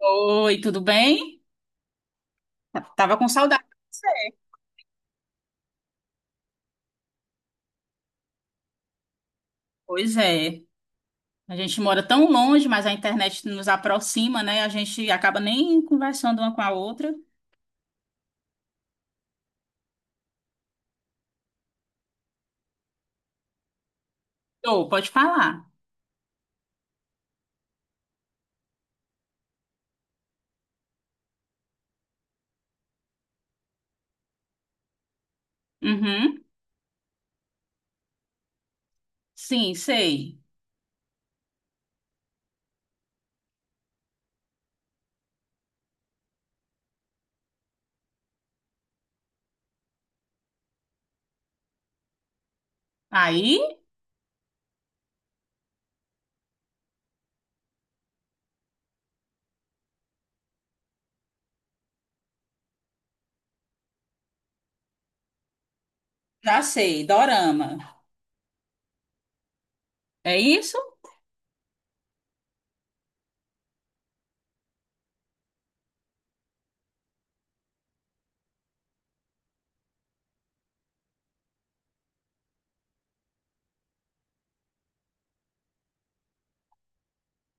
Oi, tudo bem? Tava com saudade. Pois é. A gente mora tão longe, mas a internet nos aproxima, né? A gente acaba nem conversando uma com a outra. Ô, pode falar. Uhum. Sim, sei. Aí, já sei, dorama. É isso?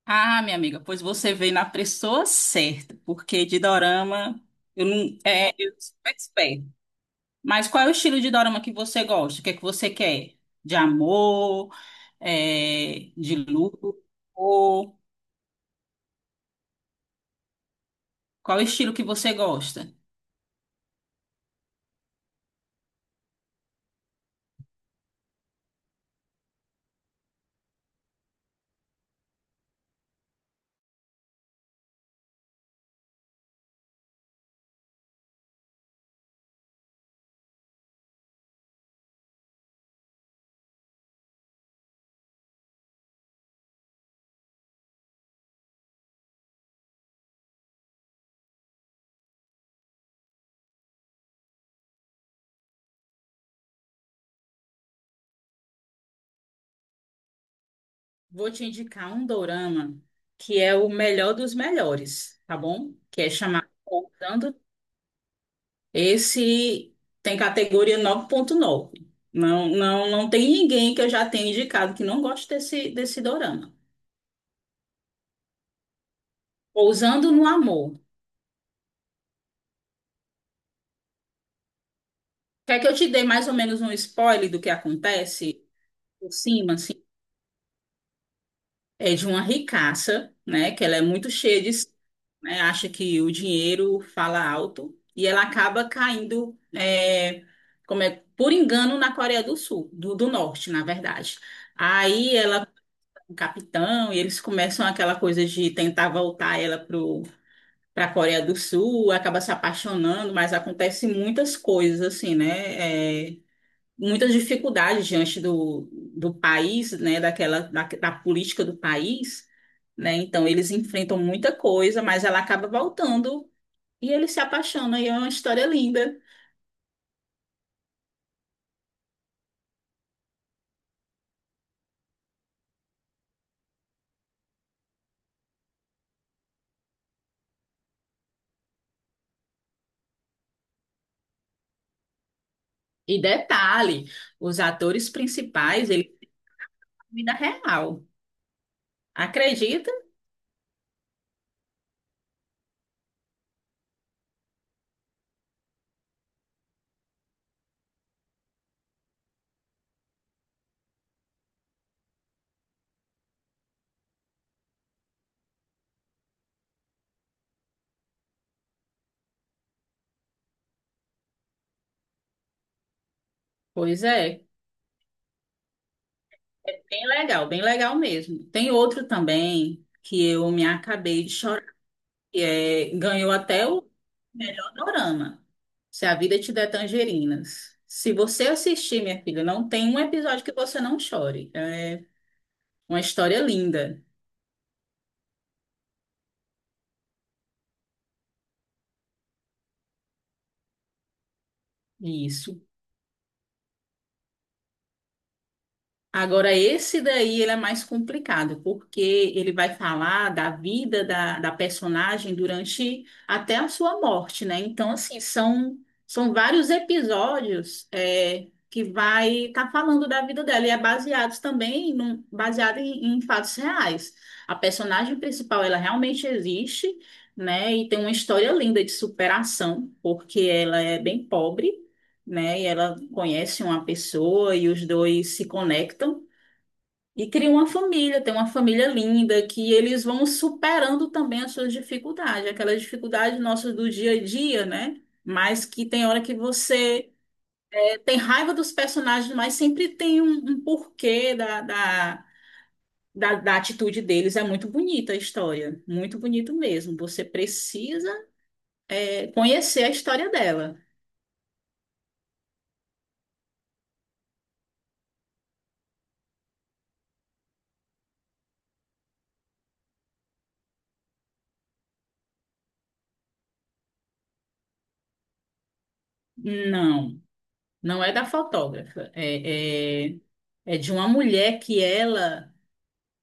Ah, minha amiga, pois você veio na pessoa certa, porque de dorama eu não é, eu sou expert. Mas qual é o estilo de dorama que você gosta? O que é que você quer? De amor, de luto? Ou qual é o estilo que você gosta? Vou te indicar um dorama que é o melhor dos melhores, tá bom? Que é chamado Contando. Esse tem categoria 9.9. Não, não, não tem ninguém que eu já tenha indicado que não goste desse dorama. Pousando no Amor. Quer que eu te dê mais ou menos um spoiler do que acontece por cima, assim? É de uma ricaça, né? Que ela é muito cheia de si, né, acha que o dinheiro fala alto e ela acaba caindo, como é, por engano na Coreia do Sul, do Norte, na verdade. Aí ela, o capitão, e eles começam aquela coisa de tentar voltar ela pro para a Coreia do Sul, acaba se apaixonando, mas acontece muitas coisas assim, né? Muita dificuldade diante do país, né, da política do país, né, então eles enfrentam muita coisa, mas ela acaba voltando e eles se apaixonam e é uma história linda. E detalhe, os atores principais, eles são vida real, acredita? Pois é, é bem legal mesmo. Tem outro também que eu me acabei de chorar que ganhou até o melhor dorama. Se a vida te der tangerinas. Se você assistir, minha filha, não tem um episódio que você não chore. É uma história linda. Isso. Agora, esse daí ele é mais complicado, porque ele vai falar da vida da personagem durante até a sua morte, né? Então, assim, são vários episódios que vai estar falando da vida dela e é baseados também baseado em fatos reais. A personagem principal, ela realmente existe, né? E tem uma história linda de superação, porque ela é bem pobre. Né, e ela conhece uma pessoa e os dois se conectam. E cria uma família, tem uma família linda, que eles vão superando também as suas dificuldades, aquelas dificuldades nossas do dia a dia, né? Mas que tem hora que você tem raiva dos personagens, mas sempre tem um porquê da atitude deles. É muito bonita a história, muito bonito mesmo. Você precisa conhecer a história dela. Não, não é da fotógrafa, é de uma mulher que ela.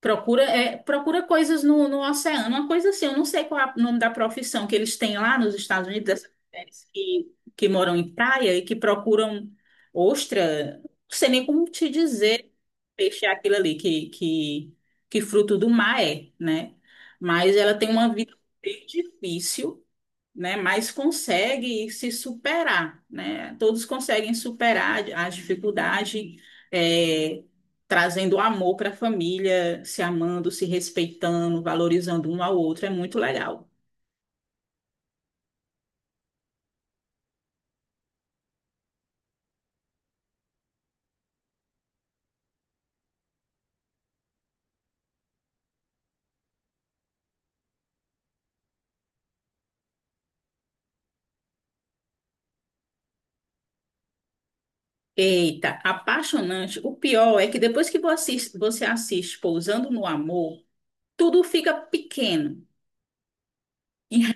Procura, procura coisas no oceano, uma coisa assim. Eu não sei qual é o nome da profissão que eles têm lá nos Estados Unidos, essas mulheres que moram em praia e que procuram ostra. Não sei nem como te dizer, peixe é aquilo ali, que fruto do mar é, né? Mas ela tem uma vida bem difícil, né, mas consegue se superar, né? Todos conseguem superar as dificuldades, é, trazendo amor para a família, se amando, se respeitando, valorizando um ao outro, é muito legal. Eita, apaixonante. O pior é que depois que você assiste Pousando no Amor, tudo fica pequeno. Em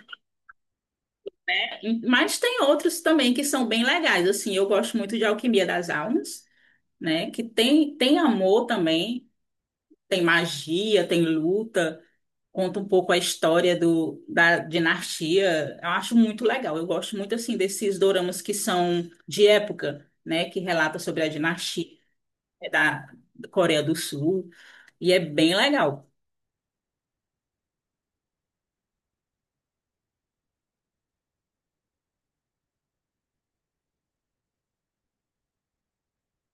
Mas tem outros também que são bem legais. Assim, eu gosto muito de Alquimia das Almas, né? Que tem amor também. Tem magia, tem luta, conta um pouco a história da dinastia. Eu acho muito legal. Eu gosto muito assim desses doramas que são de época, né, que relata sobre a dinastia da Coreia do Sul e é bem legal.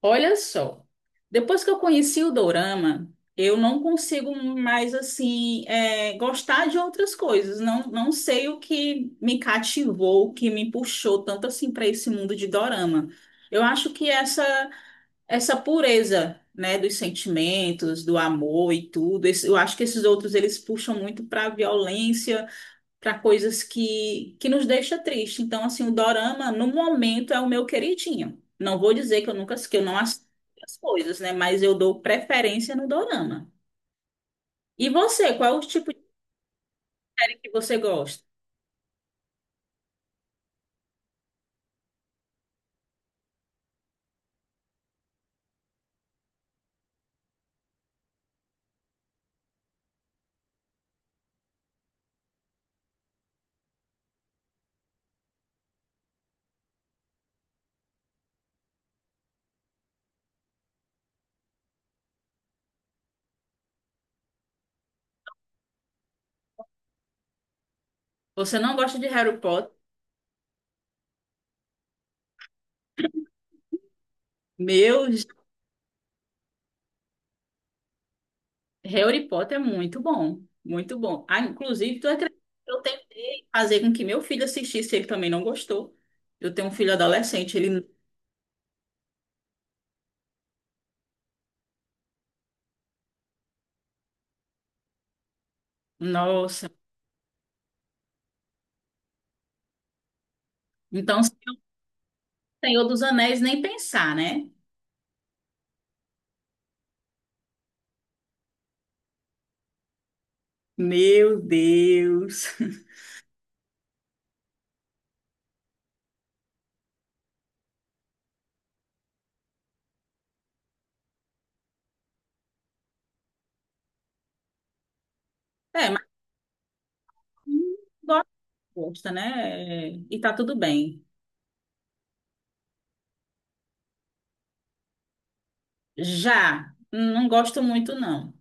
Olha só, depois que eu conheci o dorama, eu não consigo mais assim gostar de outras coisas. Não, não sei o que me cativou, o que me puxou tanto assim para esse mundo de dorama. Eu acho que essa pureza, né, dos sentimentos, do amor e tudo. Eu acho que esses outros eles puxam muito para violência, para coisas que nos deixa triste. Então, assim, o dorama no momento é o meu queridinho. Não vou dizer que eu nunca que eu não assisto as coisas, né, mas eu dou preferência no dorama. E você, qual é o tipo de série que você gosta? Você não gosta de Harry Potter? Meu Harry Potter é muito bom, muito bom. Ah, inclusive, tu acredita que eu tentei fazer com que meu filho assistisse, ele também não gostou. Eu tenho um filho adolescente, ele, nossa. Então, se o Senhor dos Anéis nem pensar, né? Meu Deus. É, mas hum, gosta, gosta, né? E tá tudo bem. Já, não gosto muito, não.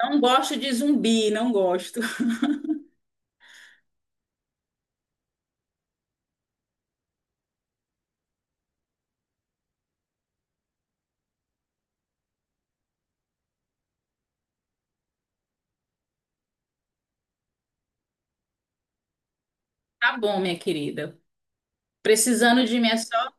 Não gosto de zumbi, não gosto. Tá bom, minha querida. Precisando de mim é só.